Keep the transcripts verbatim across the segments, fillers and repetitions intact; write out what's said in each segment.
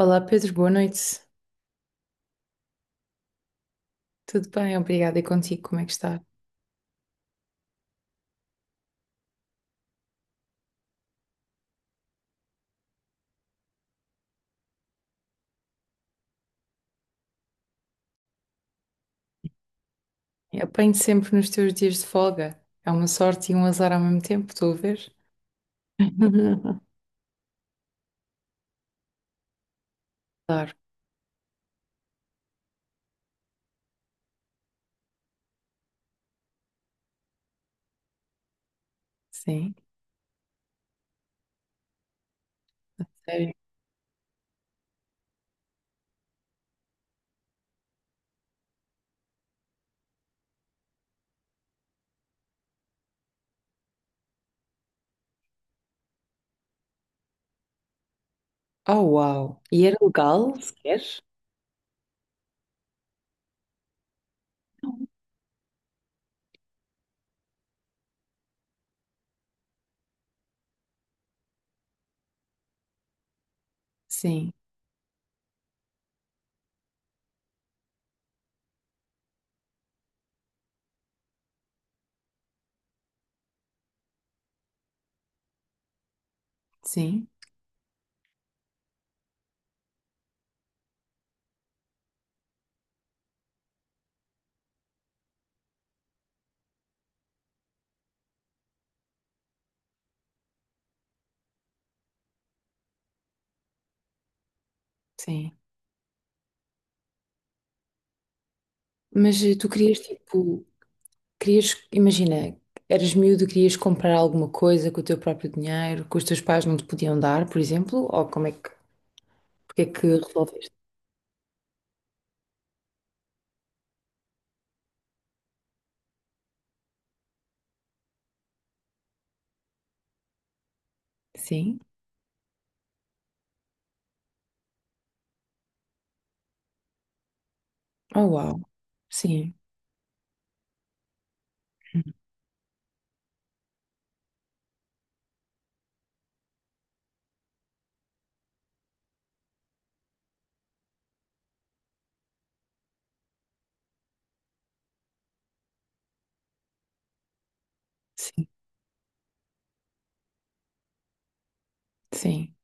Olá Pedro, boa noite. Tudo bem? Obrigada. E contigo, como é que está? Eu apanho sempre nos teus dias de folga. É uma sorte e um azar ao mesmo tempo, estou a ver? Claro, sim. A sério. Oh, uau. E era legal, sequer? Não. Sim, sim, sim. Mas eh, tu querias, tipo, querias, imagina, eras miúdo, querias comprar alguma coisa com o teu próprio dinheiro, que os teus pais não te podiam dar, por exemplo? Ou como é que, porque é que resolveste? Sim. Oh, uau. Sim. Sim, sim.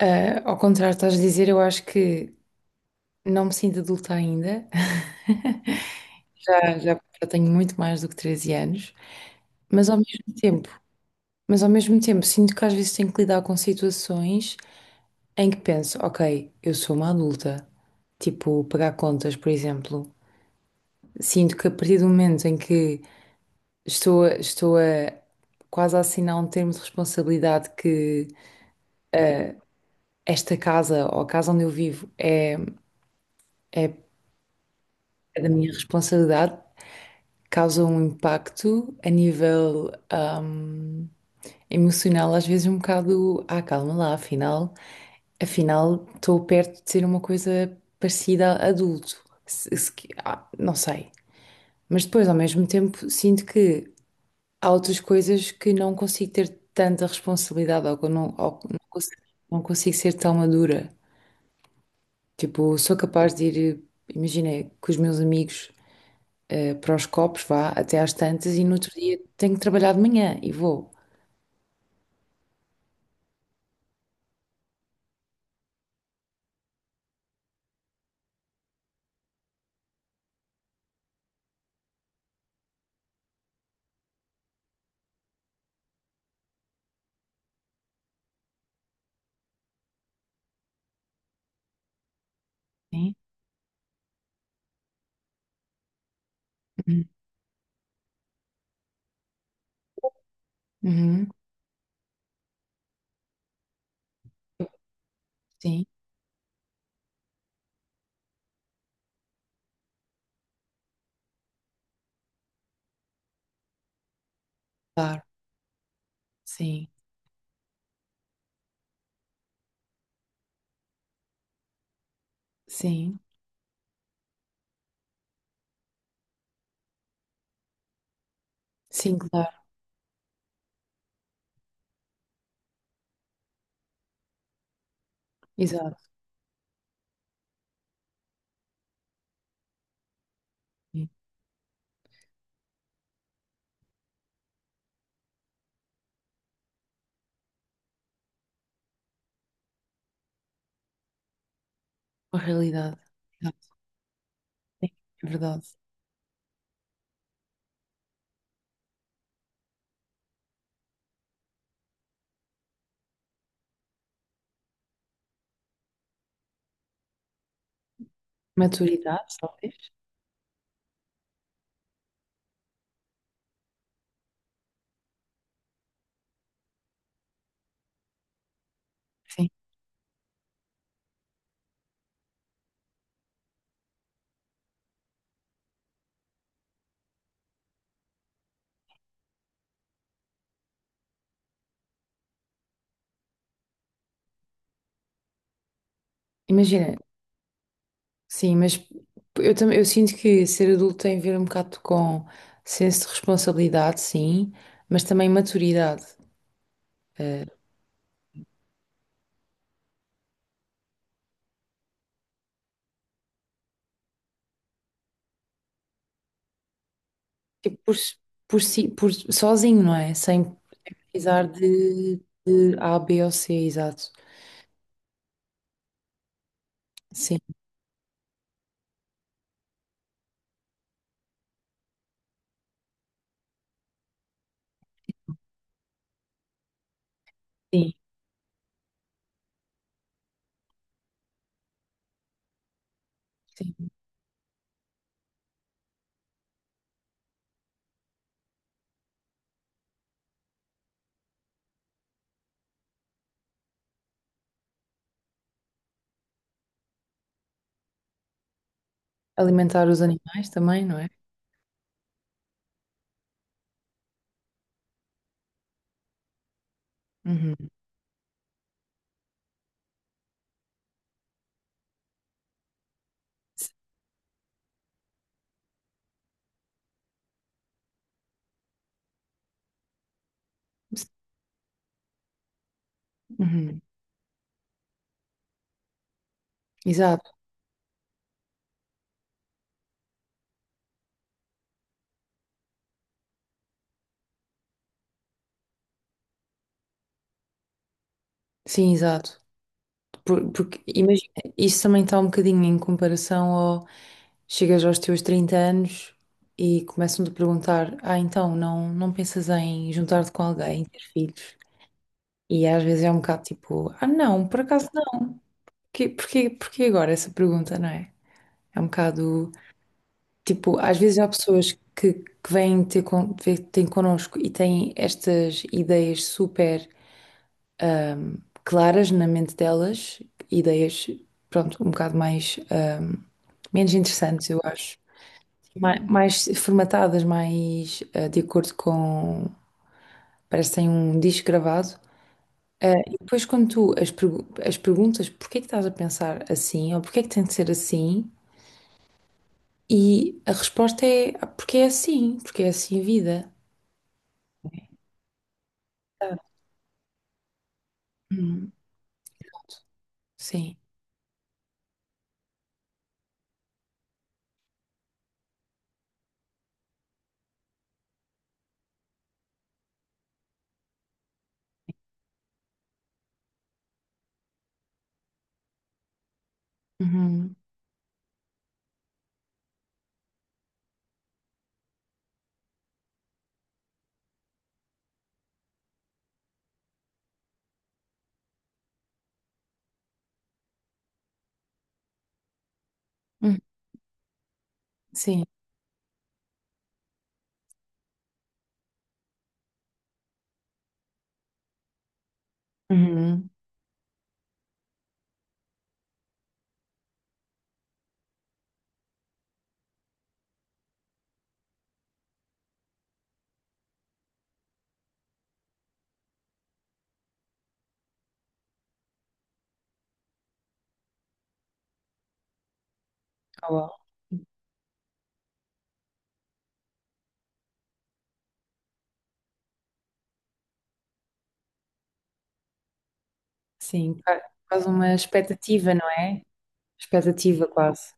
Ah, ao contrário, estás a dizer, eu acho que não me sinto adulta ainda. Já, já, já tenho muito mais do que treze anos, mas ao mesmo tempo, mas ao mesmo tempo sinto que às vezes tenho que lidar com situações em que penso, ok, eu sou uma adulta, tipo pagar contas, por exemplo. Sinto que a partir do momento em que estou, a- estou a quase a assinar um termo de responsabilidade que esta casa ou a casa onde eu vivo é é da minha responsabilidade, causa um impacto a nível ahm, emocional, às vezes um bocado, ah, calma lá, afinal, afinal estou perto de ser uma coisa parecida a adulto. Se- se que- Ah, não sei. Mas depois, ao mesmo tempo, sinto que há outras coisas que não consigo ter tanta responsabilidade ou que eu não, ou que não consigo, não consigo ser tão madura. Tipo, sou capaz de ir, imagina, com os meus amigos. Eh, para os copos, vá, até às tantas e no outro dia tenho que trabalhar de manhã e vou. Sim. Uhum. Uhum. Sim. Claro, sim, sim, sim, claro, exato, sim. A realidade, exato, sim, é verdade. Maturidade, talvez. Sim. Imagina, sim, mas eu também eu sinto que ser adulto tem a ver um bocado com senso de responsabilidade, sim, mas também maturidade. eh, tipo, por, si- por si, por sozinho, não é? Sem, precisar de, de A, B ou C, exato. Sim, sim, sim. Alimentar os animais também, não é? Uhum. Uhum. Exato, sim, exato. Por- porque imagina, isso também está um bocadinho em comparação ao chegas aos teus trinta anos e começam-te a perguntar: ah, então não, não pensas em juntar-te com alguém, ter filhos? E às vezes é um bocado tipo: ah, não, por acaso não, porquê, porquê, porquê agora essa pergunta, não é? É um bocado. Tipo, às vezes há pessoas que, que vêm ter, con ver- têm connosco e têm estas ideias super ahm, claras na mente delas, ideias, pronto, um bocado mais, ahm, menos interessantes, eu acho. Mais, mais formatadas, mais ah, de acordo com. Parece que têm um disco gravado. Ah, e depois, quando tu as, pergu- as perguntas, porquê é que estás a pensar assim, ou porquê é que tem de ser assim, e a resposta é "Ah, porque é assim, porque é assim a vida." Sim. Uhum. Hum. Sim. Uhum. Oh, wow. Sim. Qua- Quase uma expectativa, não é? Expectativa, quase.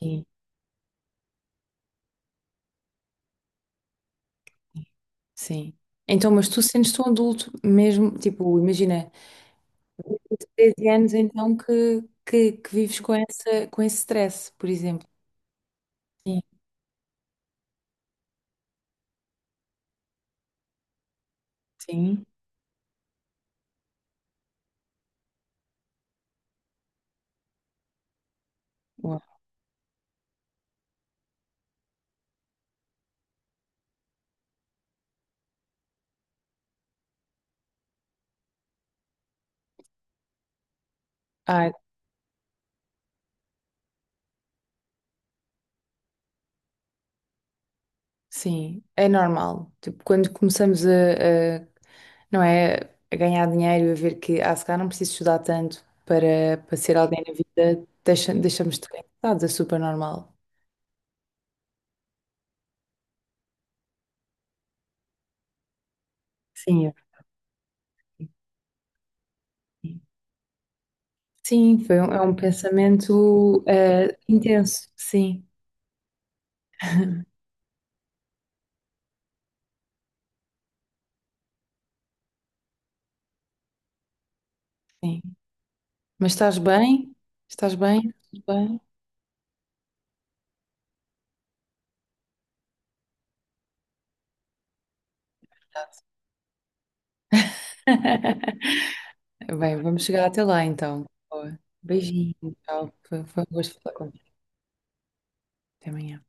Sim. Sim. Então, mas tu sentes-te um adulto mesmo, tipo, imagina, desde os treze anos então que, que, que vives com essa, com esse stress, por exemplo. Sim. Sim. Uau. Ah, sim. É normal. Tipo, quando começamos a, não é? A ganhar dinheiro, e a ver que, ah, se calhar não preciso estudar tanto para, para ser alguém na vida, deixa, deixamos de ganhar, dados, é super normal. Sim, eu- sim. Sim, foi um, é um pensamento eh, intenso, sim, sim. Mas estás bem? Estás bem? Tudo bem? Bem, vamos chegar até lá então. Boa. Beijinho, tchau. Foi, foi um gosto falar contigo. Até amanhã.